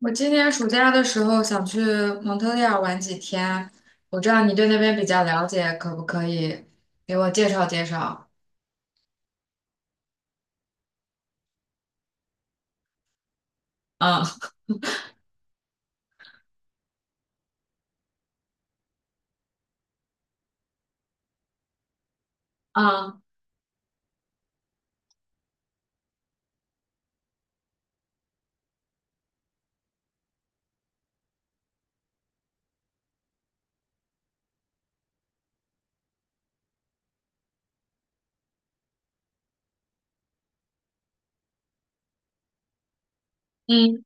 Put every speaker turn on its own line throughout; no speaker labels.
我今年暑假的时候想去蒙特利尔玩几天，我知道你对那边比较了解，可不可以给我介绍介绍？嗯。嗯嗯。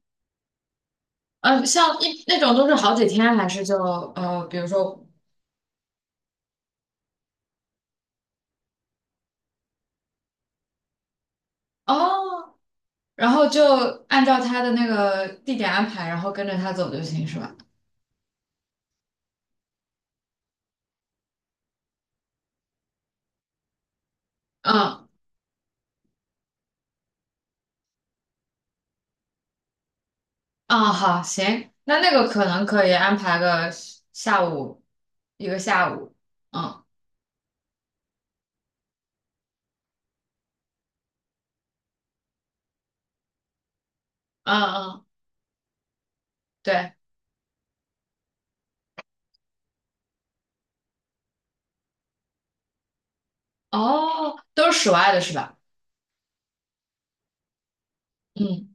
像一那种都是好几天，还是就比如说。哦，然后就按照他的那个地点安排，然后跟着他走就行，是吧？嗯。嗯，好，行，那个可能可以安排个下午，一个下午。嗯嗯嗯。对。哦，都是室外的是吧？嗯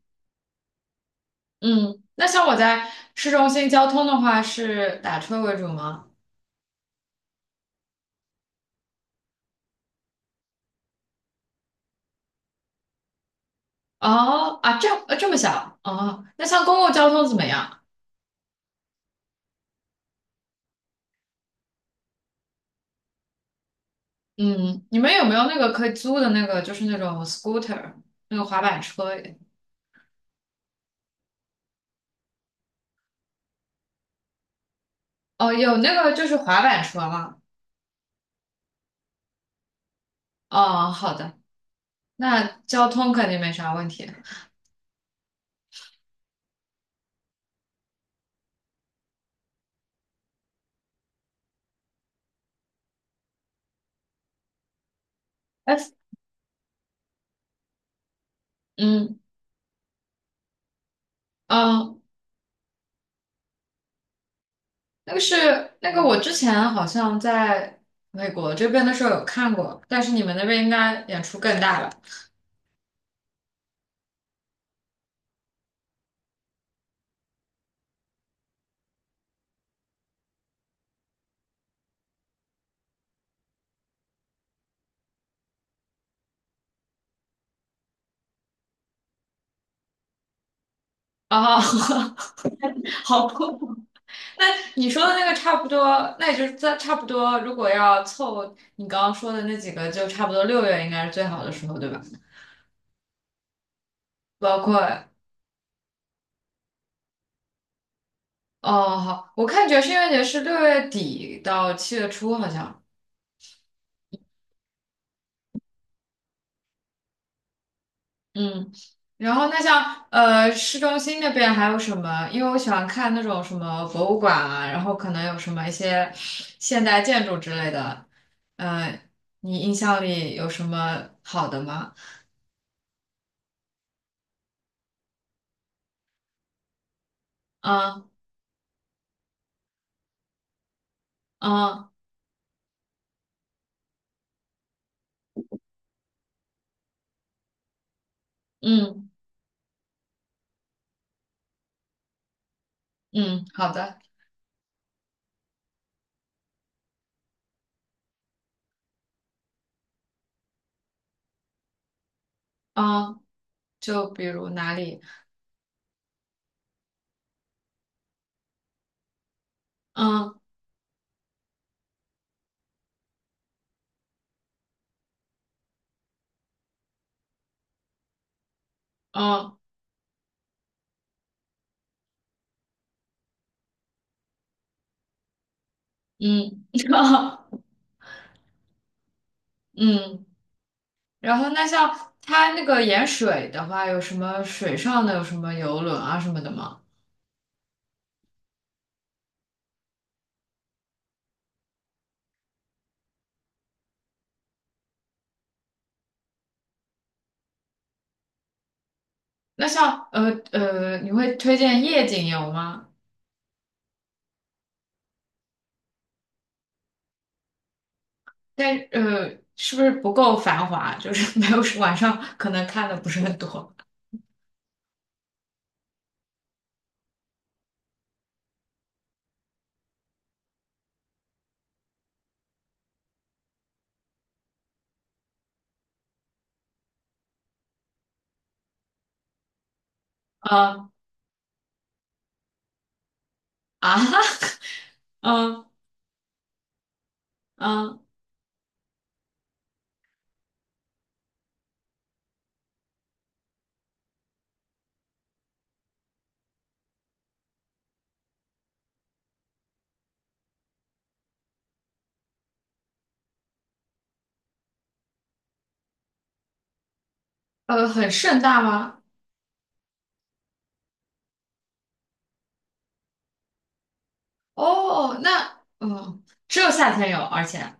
嗯。那像我在市中心交通的话，是打车为主吗？哦啊，这样这么小哦，那像公共交通怎么样？嗯。你们有没有那个可以租的那个，就是那种 scooter 那个滑板车？哦，有那个就是滑板车吗？哦，好的，那交通肯定没啥问题。哎。嗯嗯。那个我之前好像在美国这边的时候有看过，但是你们那边应该演出更大吧？哦。好恐那你说的那个差不多，那也就是在差不多，如果要凑你刚刚说的那几个，就差不多六月应该是最好的时候，对吧？包括哦，好，我看爵士音乐节是6月底到7月初，好像。嗯。然后那像市中心那边还有什么？因为我喜欢看那种什么博物馆啊，然后可能有什么一些现代建筑之类的。呃，你印象里有什么好的吗？嗯嗯嗯。嗯，好的。嗯，就比如哪里。嗯嗯嗯。 嗯。然后那像它那个盐水的话，有什么水上的，有什么游轮啊什么的吗？那像你会推荐夜景游吗？但是不是不够繁华？就是没有晚上可能看的不是很多。嗯啊。嗯嗯很盛大吗？哦，那嗯，只有夏天有，而且。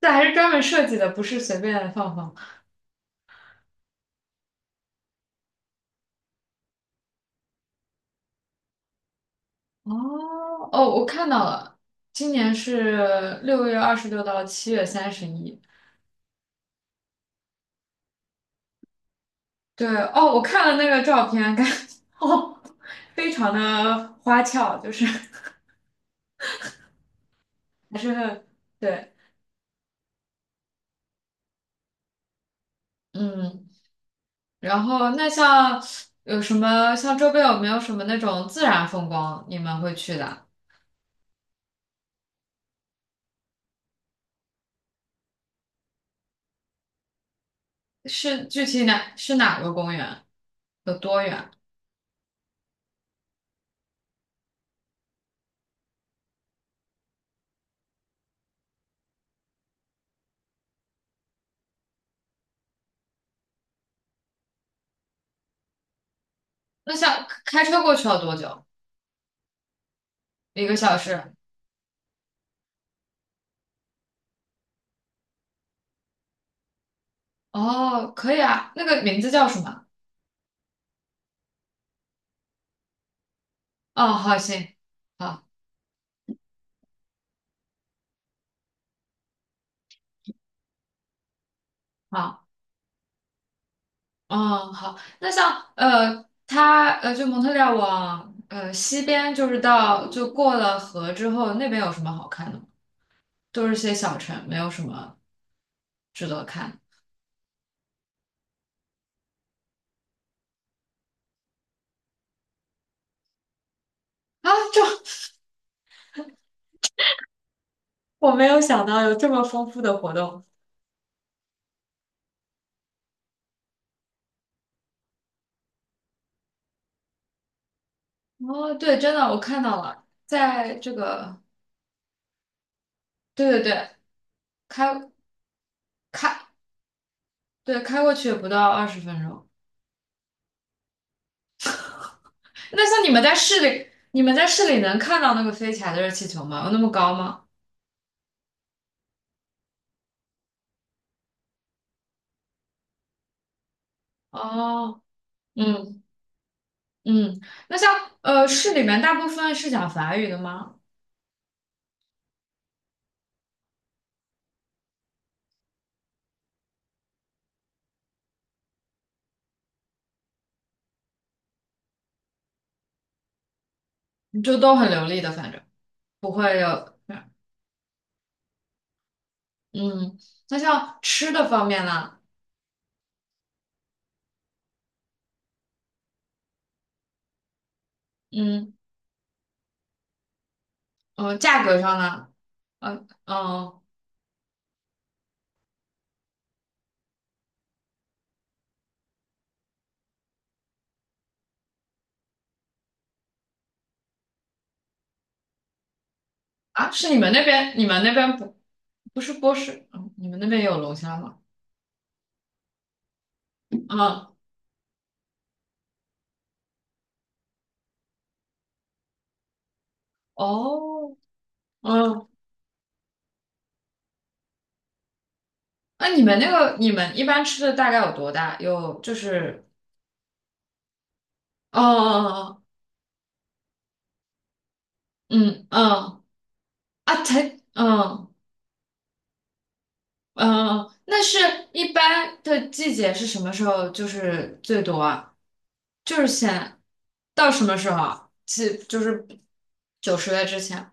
这还是专门设计的，不是随便放放。哦哦，我看到了，今年是6月26到7月31。对哦，我看了那个照片，感觉。 哦，非常的花俏，就是还是很对。嗯。然后那像有什么像周边有没有什么那种自然风光你们会去的？是具体哪是哪个公园？有多远？那像开车过去要多久？一个小时？哦，可以啊，那个名字叫什么？哦，好，行，好，好，哦，好。那像它就蒙特利尔往西边，就是到就过了河之后，那边有什么好看的吗？都是些小城，没有什么值得看啊。我没有想到有这么丰富的活动。哦，对，真的，我看到了，在这个，对对对，开开，对，开过去也不到20分钟。那像你们在市里能看到那个飞起来的热气球吗？有那么高吗？哦。嗯嗯。那像市里面大部分是讲法语的吗？就都很流利的，反正不会有。嗯。那像吃的方面呢？嗯嗯、价格上呢？嗯、嗯、啊，是你们那边不是波士，嗯，你们那边也有龙虾吗？嗯。哦。嗯，那你们一般吃的大概有多大？有就是。哦，哦哦哦。嗯嗯啊，才嗯嗯，一般的季节是什么时候？就是最多啊，就是到什么时候啊？几就是9、10月之前，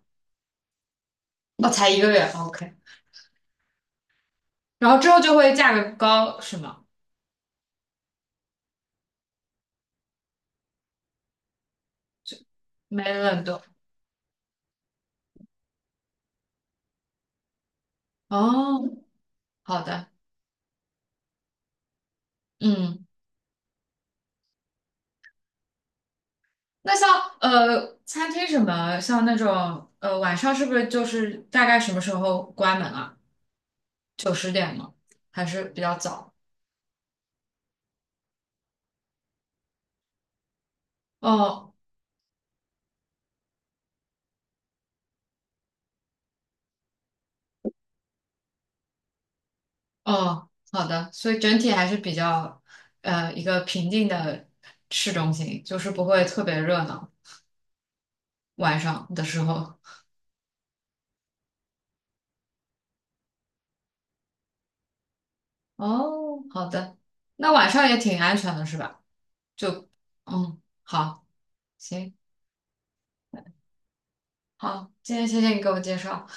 那才一个月，OK。然后之后就会价格高，是吗？没冷冻。哦，好的。嗯。那像餐厅什么，像那种晚上是不是就是大概什么时候关门啊？9、10点吗？还是比较早？哦哦，好的，所以整体还是比较一个平静的市中心，就是不会特别热闹，晚上的时候。哦，好的，那晚上也挺安全的是吧？就嗯，好，行，好，今天谢谢你给我介绍。